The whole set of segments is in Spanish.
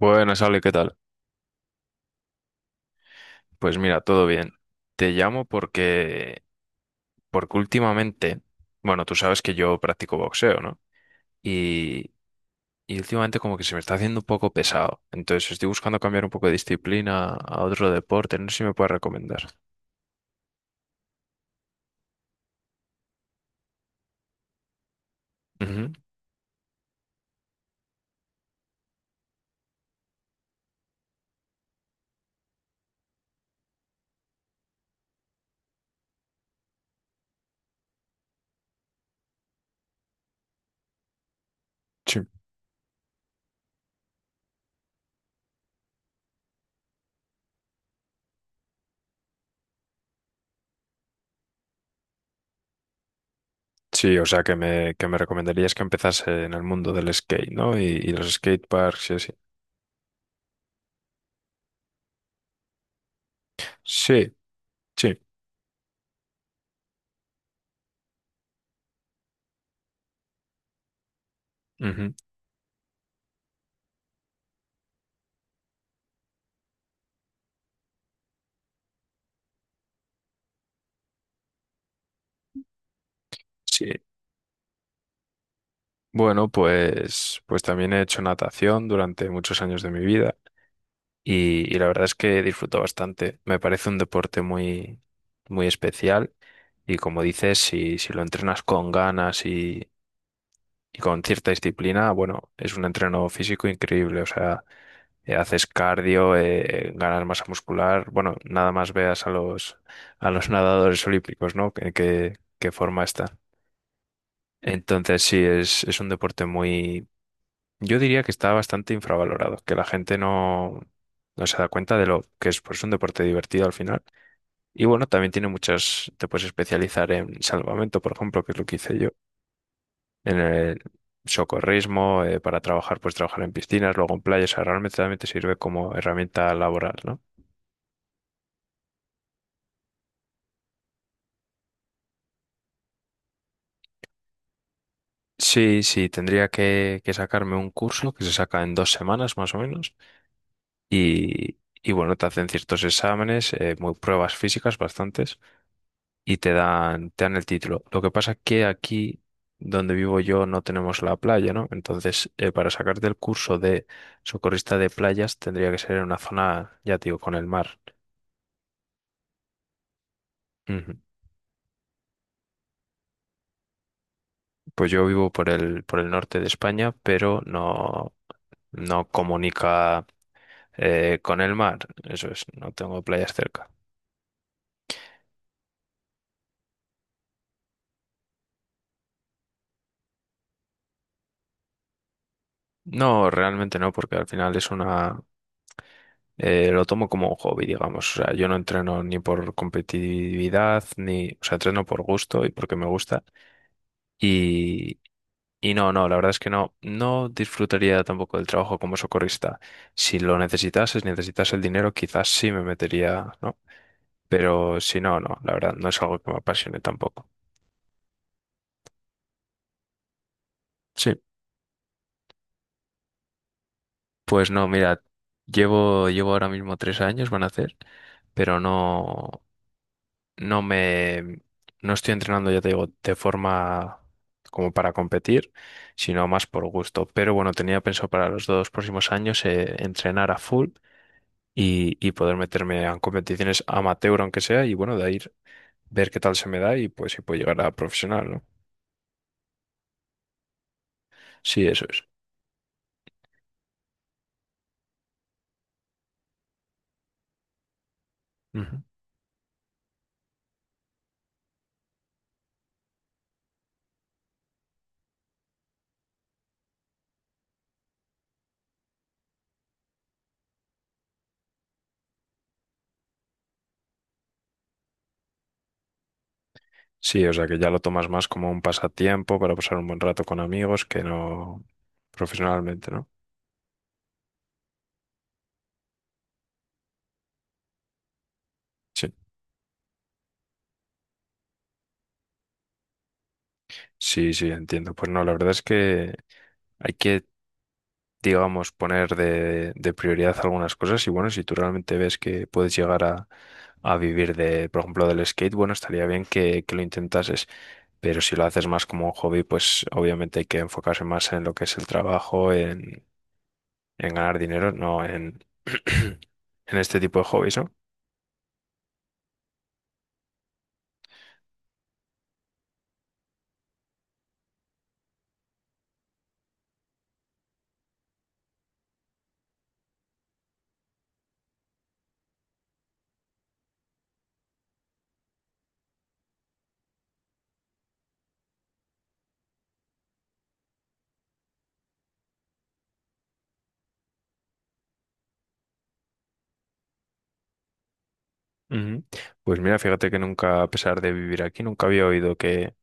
Buenas, Ale, ¿qué tal? Pues mira, todo bien. Te llamo porque últimamente, bueno, tú sabes que yo practico boxeo, ¿no? Y, y últimamente como que se me está haciendo un poco pesado. Entonces estoy buscando cambiar un poco de disciplina a otro deporte. No sé si me puedes recomendar. Ujú. Sí. Sí, o sea, que me recomendarías que empezase en el mundo del skate, ¿no? Y los skateparks y así. Sí, sí. Ujú. Sí. Bueno, pues también he hecho natación durante muchos años de mi vida. Y la verdad es que disfruto bastante. Me parece un deporte muy, muy especial y como dices, si lo entrenas con ganas y con cierta disciplina, bueno, es un entreno físico increíble. O sea, haces cardio, ganas masa muscular. Bueno, nada más veas a los nadadores olímpicos, ¿no? ¿Qué forma está. Entonces sí, es un deporte muy, yo diría que está bastante infravalorado, que la gente no se da cuenta de lo que es pues un deporte divertido al final. Y bueno, también tiene muchas, te puedes especializar en salvamento, por ejemplo, que es lo que hice yo, en el socorrismo, para trabajar, pues trabajar en piscinas, luego en playas, o sea, realmente también te sirve como herramienta laboral, ¿no? Sí, sí, tendría que sacarme un curso que se saca en 2 semanas más o menos. Y bueno, te hacen ciertos exámenes, muy pruebas físicas bastantes. Y te dan el título. Lo que pasa es que aquí donde vivo yo no tenemos la playa, ¿no? Entonces, para sacarte el curso de socorrista de playas tendría que ser en una zona, ya te digo, con el mar. Ujú. Pues yo vivo por el norte de España, pero no, no comunica con el mar. Eso es, no tengo playas cerca. No, realmente no, porque al final es una... Lo tomo como un hobby, digamos. O sea, yo no entreno ni por competitividad, ni, o sea, entreno por gusto y porque me gusta. Y, y no, no, la verdad es que no, no disfrutaría tampoco del trabajo como socorrista. Si lo necesitases, necesitas el dinero, quizás sí me metería, ¿no? Pero si no, no, la verdad, no es algo que me apasione tampoco. Sí, pues no, mira, llevo ahora mismo 3 años, van a hacer, pero no. no me, no estoy entrenando, ya te digo, de forma como para competir, sino más por gusto. Pero bueno, tenía pensado para los 2 próximos años entrenar a full y poder meterme a competiciones amateur, aunque sea, y bueno, de ahí ver qué tal se me da y pues si puedo llegar a profesional, ¿no? Sí, eso es. Ujú. Sí, o sea que ya lo tomas más como un pasatiempo para pasar un buen rato con amigos que no profesionalmente, ¿no? Sí, sí, sí, entiendo. Pues no, la verdad es que hay que, digamos, poner de prioridad algunas cosas y bueno, si tú realmente ves que puedes llegar a vivir de, por ejemplo, del skate, bueno, estaría bien que lo intentases, pero si lo haces más como un hobby, pues obviamente hay que enfocarse más en lo que es el trabajo, en ganar dinero, no en este tipo de hobbies, ¿no? Ujú. Pues mira, fíjate que nunca, a pesar de vivir aquí, nunca había oído que,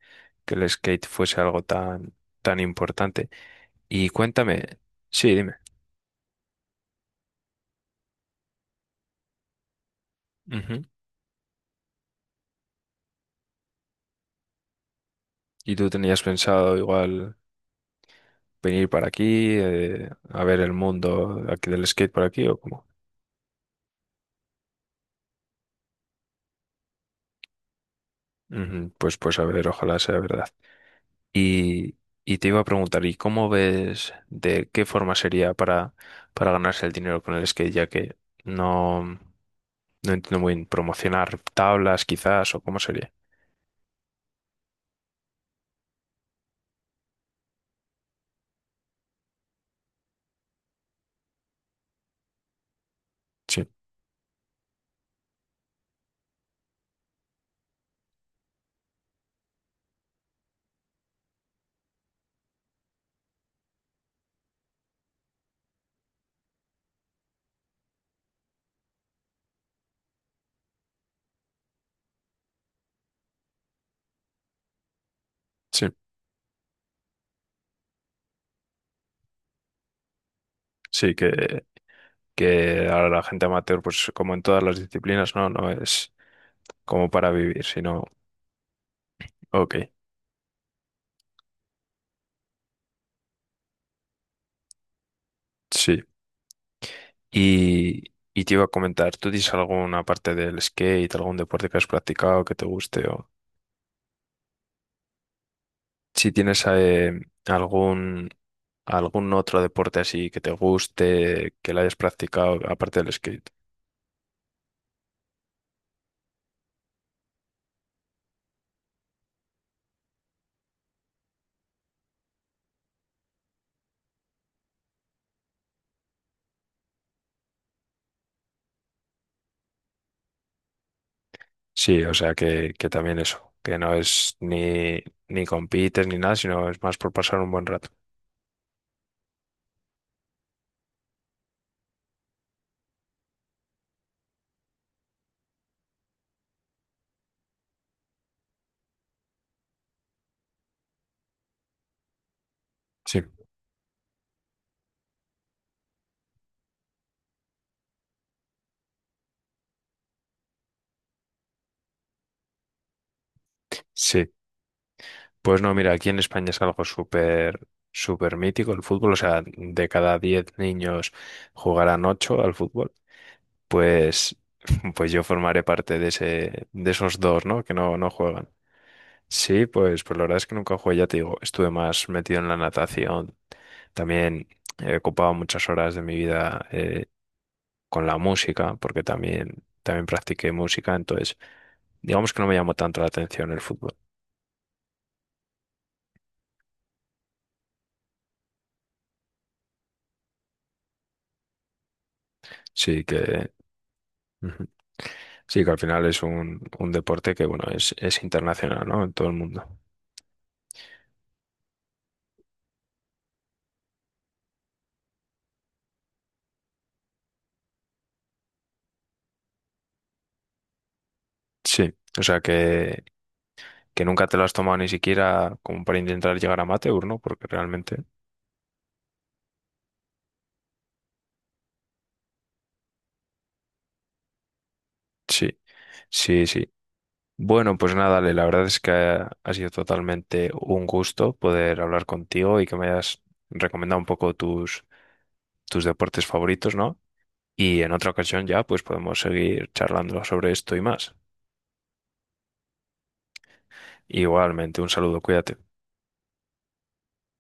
que el skate fuese algo tan, tan importante. Y cuéntame, sí, dime. ¿Y tú tenías pensado igual venir para aquí, a ver el mundo aquí del skate por aquí o cómo? Ujú. Pues a ver, ojalá sea verdad. Y, y te iba a preguntar, ¿y cómo ves de qué forma sería para ganarse el dinero con el skate? Ya que no, no entiendo muy bien, promocionar tablas quizás o cómo sería. Sí, sí, sí, que ahora la gente amateur, pues como en todas las disciplinas, no, no es como para vivir, sino, ok. Sí. Y te iba a comentar, ¿tú tienes alguna parte del skate, algún deporte que has practicado que te guste? O si tienes algún, algún otro deporte así que te guste, que lo hayas practicado, aparte del skate. Sí, o sea que también eso, que no es ni, ni compites ni nada, sino es más por pasar un buen rato. Sí, sí. Pues no, mira, aquí en España es algo súper, súper mítico el fútbol. O sea, de cada 10 niños jugarán 8 al fútbol. Pues, pues yo formaré parte de esos dos, ¿no? Que no, no juegan. Sí, pues la verdad es que nunca jugué, ya te digo, estuve más metido en la natación. También he ocupado muchas horas de mi vida con la música, porque también, también practiqué música, entonces digamos que no me llamó tanto la atención el fútbol. Sí que, ujú. Sí que al final es un deporte que, bueno, es internacional, ¿no? En todo el mundo. Sí, o sea que nunca te lo has tomado ni siquiera como para intentar llegar a amateur, ¿no? Porque realmente, sí, sí, sí. Bueno, pues nada, Ale, la verdad es que ha sido totalmente un gusto poder hablar contigo y que me hayas recomendado un poco tus, tus deportes favoritos, ¿no? Y en otra ocasión ya, pues podemos seguir charlando sobre esto y más. Igualmente, un saludo, cuídate.